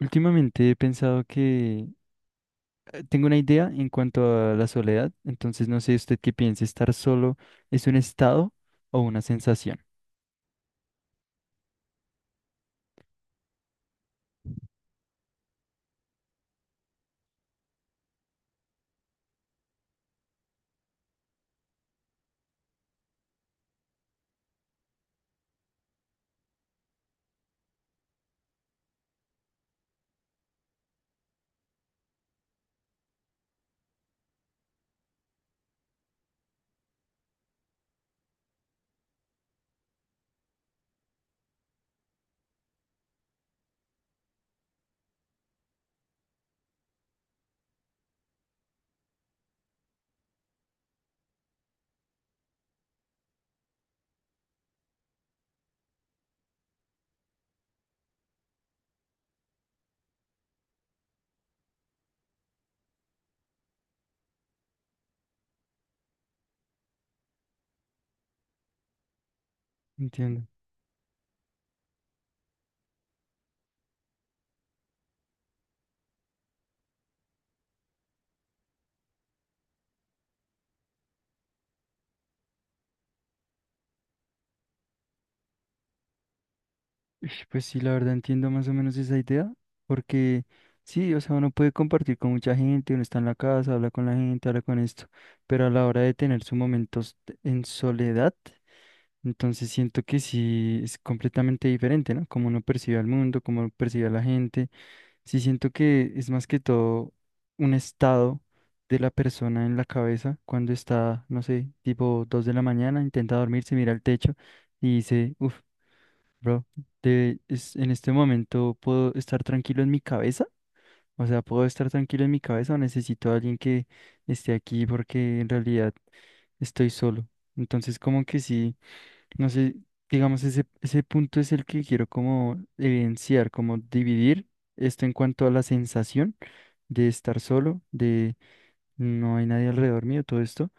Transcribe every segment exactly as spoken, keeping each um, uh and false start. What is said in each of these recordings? Últimamente he pensado que eh, tengo una idea en cuanto a la soledad. Entonces no sé usted qué piensa, ¿estar solo es un estado o una sensación? Entiendo. Ish, pues sí, la verdad entiendo más o menos esa idea, porque sí, o sea, uno puede compartir con mucha gente, uno está en la casa, habla con la gente, habla con esto, pero a la hora de tener sus momentos t- en soledad, entonces siento que sí es completamente diferente, ¿no? Como uno percibe al mundo, como uno percibe a la gente, sí siento que es más que todo un estado de la persona en la cabeza cuando está, no sé, tipo dos de la mañana, intenta dormirse, mira al techo y dice, uff. Bro, de- es- en este momento puedo estar tranquilo en mi cabeza, o sea, puedo estar tranquilo en mi cabeza o necesito a alguien que esté aquí porque en realidad estoy solo. Entonces, como que sí, no sé, digamos, ese, ese punto es el que quiero como evidenciar, como dividir esto en cuanto a la sensación de estar solo, de no hay nadie alrededor mío, todo esto.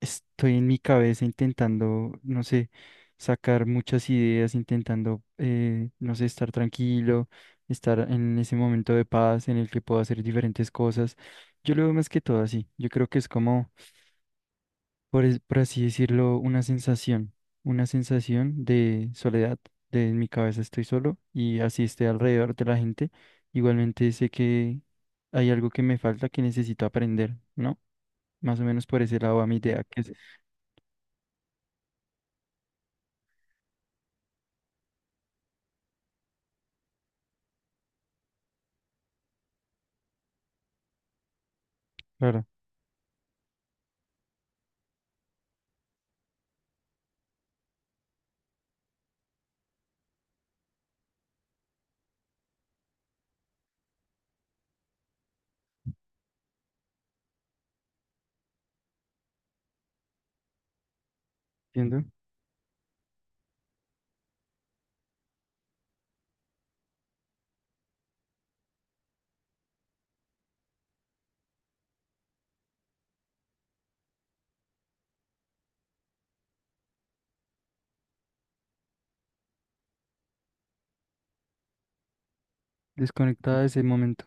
Estoy en mi cabeza intentando, no sé, sacar muchas ideas, intentando, eh, no sé, estar tranquilo, estar en ese momento de paz en el que puedo hacer diferentes cosas. Yo lo veo más que todo así. Yo creo que es como, por, es- por así decirlo, una sensación, una sensación de soledad, de en mi cabeza estoy solo y así esté alrededor de la gente. Igualmente sé que hay algo que me falta que necesito aprender, ¿no? Más o menos por ese lado a mi idea, que es, claro, entiendo. Desconectada de ese momento.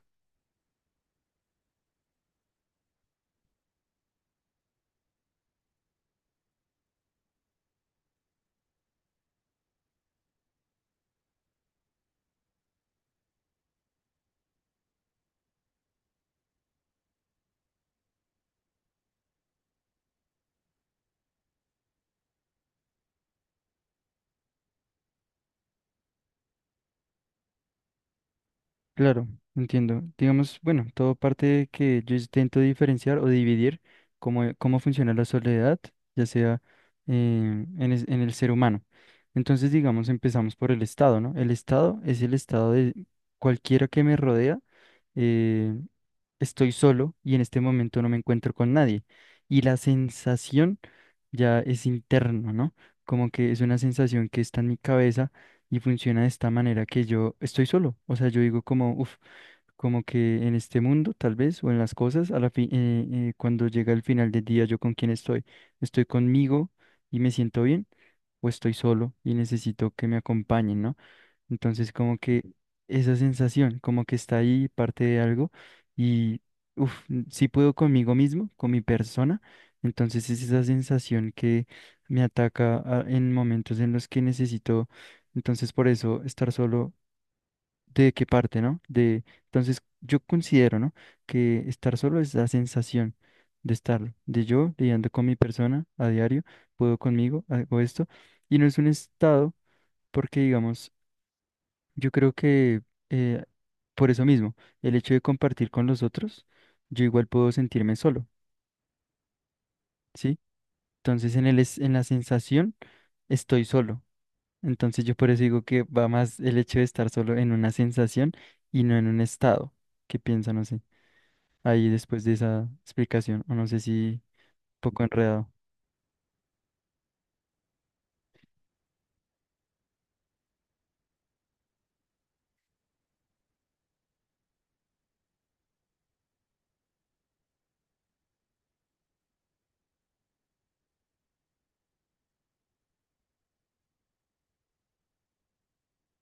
Claro, entiendo. Digamos, bueno, todo parte de que yo intento diferenciar o dividir cómo, eh, cómo funciona la soledad, ya sea eh, en, es- en el ser humano. Entonces, digamos, empezamos por el estado, ¿no? El estado es el estado de cualquiera que me rodea. eh, Estoy solo y en este momento no me encuentro con nadie. Y la sensación ya es interno, ¿no? Como que es una sensación que está en mi cabeza y funciona de esta manera que yo estoy solo. O sea, yo digo como, uff, como que en este mundo tal vez o en las cosas, a la fi- eh, eh, cuando llega el final del día, ¿yo con quién estoy? ¿Estoy conmigo y me siento bien? ¿O estoy solo y necesito que me acompañen?, ¿no? Entonces, como que esa sensación, como que está ahí parte de algo y, uff, si puedo conmigo mismo, con mi persona, entonces es esa sensación que me ataca a- en momentos en los que necesito. Entonces por eso estar solo, ¿de qué parte, no? De, entonces yo considero, ¿no?, que estar solo es la sensación de estarlo, de yo lidiando con mi persona a diario, puedo conmigo, hago esto, y no es un estado, porque digamos, yo creo que eh, por eso mismo, el hecho de compartir con los otros, yo igual puedo sentirme solo, ¿sí? Entonces en el es- en la sensación estoy solo. Entonces yo por eso digo que va más el hecho de estar solo en una sensación y no en un estado. ¿Qué piensa? No sé. Ahí después de esa explicación, o no sé si un poco enredado.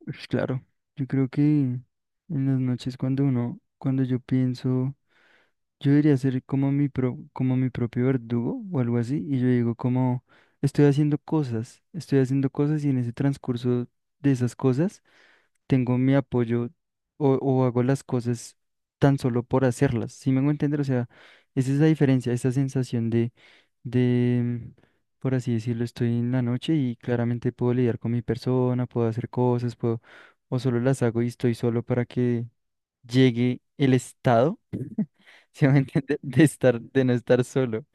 Pues claro, yo creo que en las noches cuando uno, cuando yo pienso, yo debería ser como mi, pro- como mi propio verdugo o algo así, y yo digo como, estoy haciendo cosas, estoy haciendo cosas y en ese transcurso de esas cosas tengo mi apoyo o, o hago las cosas tan solo por hacerlas, ¿si me hago entender? O sea, esa es la diferencia, esa sensación de, de, por así decirlo, estoy en la noche y claramente puedo lidiar con mi persona, puedo hacer cosas, puedo, o solo las hago y estoy solo para que llegue el estado. ¿Sí me entiende? De estar, de no estar solo.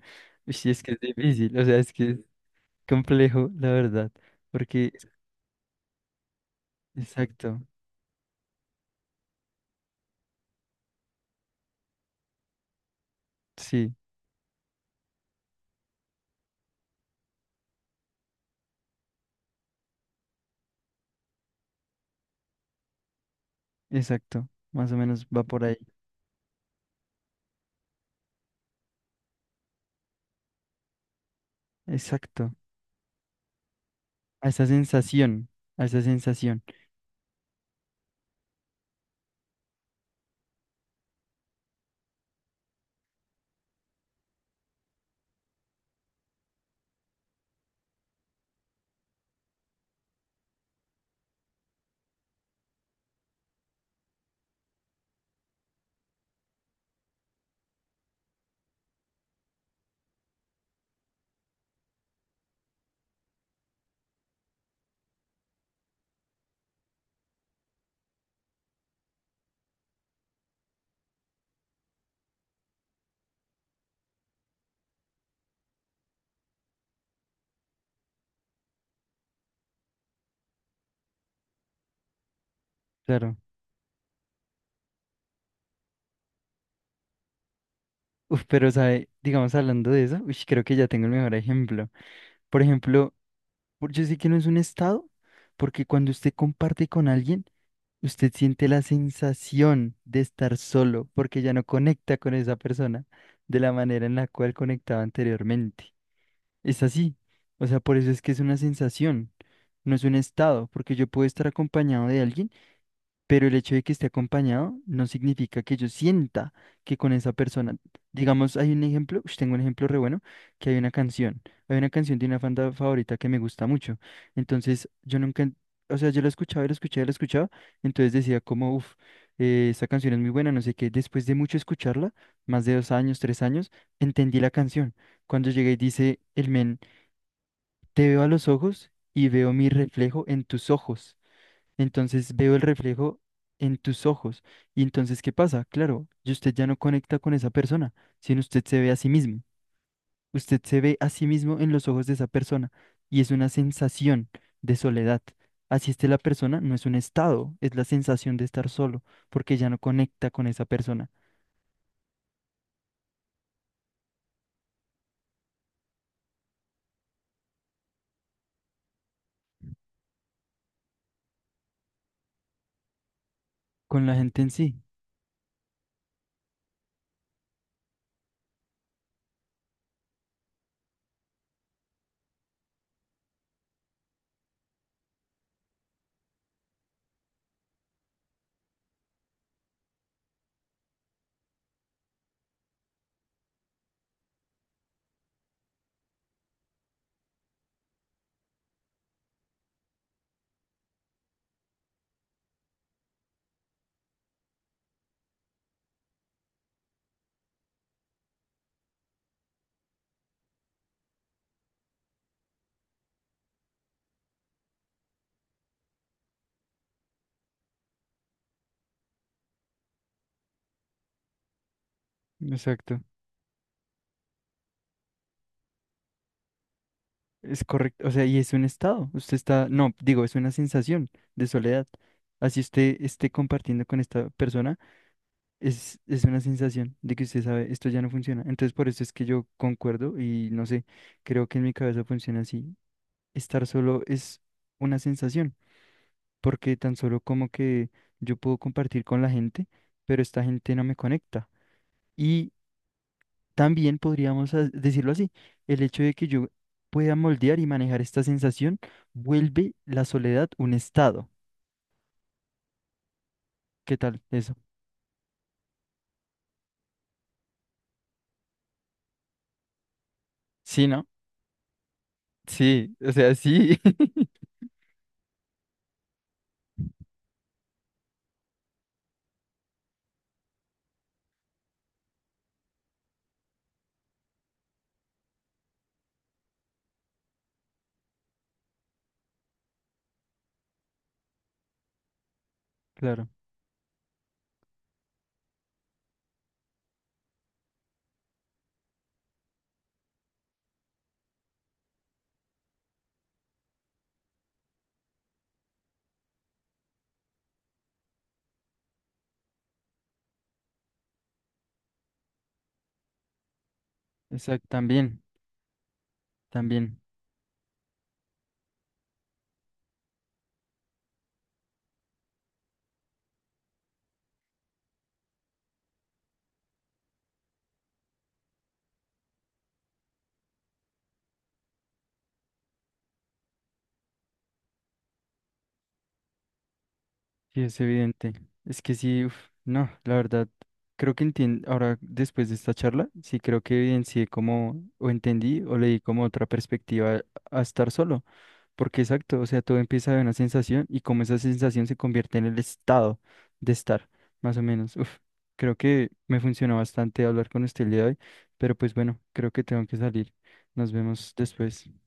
Uy, sí, es que es difícil, o sea, es que es complejo, la verdad. Porque, exacto, sí, exacto. Más o menos va por ahí. Exacto. A esa sensación, a esa sensación, claro. Uf, pero, ¿sabe? Digamos, hablando de eso, uy, creo que ya tengo el mejor ejemplo. Por ejemplo, por- yo sé que no es un estado, porque cuando usted comparte con alguien, usted siente la sensación de estar solo porque ya no conecta con esa persona de la manera en la cual conectaba anteriormente. Es así. O sea, por eso es que es una sensación, no es un estado, porque yo puedo estar acompañado de alguien pero el hecho de que esté acompañado no significa que yo sienta que con esa persona, digamos, hay un ejemplo, ush, tengo un ejemplo re bueno, que hay una canción, hay una canción de una banda favorita que me gusta mucho, entonces yo nunca, en- o sea, yo la escuchaba, y la escuchaba, y la escuchaba, entonces decía como, uff, esta canción es muy buena, no sé qué, después de mucho escucharla, más de dos años, tres años, entendí la canción, cuando llegué y dice, el men, te veo a los ojos y veo mi reflejo en tus ojos. Entonces veo el reflejo en tus ojos. Y entonces, ¿qué pasa? Claro, y usted ya no conecta con esa persona, sino usted se ve a sí mismo. Usted se ve a sí mismo en los ojos de esa persona. Y es una sensación de soledad. Así esté la persona, no es un estado, es la sensación de estar solo, porque ya no conecta con esa persona, con la gente en sí. Exacto. Es correcto. O sea, y es un estado. Usted está, no, digo, es una sensación de soledad. Así usted esté compartiendo con esta persona, Es, es una sensación de que usted sabe, esto ya no funciona. Entonces, por eso es que yo concuerdo y no sé, creo que en mi cabeza funciona así. Estar solo es una sensación, porque tan solo como que yo puedo compartir con la gente, pero esta gente no me conecta. Y también podríamos a- decirlo así, el hecho de que yo pueda moldear y manejar esta sensación vuelve la soledad un estado. ¿Qué tal eso? Sí, ¿no? Sí, o sea, sí. Claro, exacto, también. También, sí, es evidente. Es que sí, uf, no, la verdad, creo que entiendo, ahora después de esta charla, sí creo que evidencié como, o entendí, o leí como otra perspectiva a estar solo, porque exacto, o sea, todo empieza de una sensación y como esa sensación se convierte en el estado de estar, más o menos. Uf, creo que me funcionó bastante hablar con usted el día de hoy, pero pues bueno, creo que tengo que salir. Nos vemos después.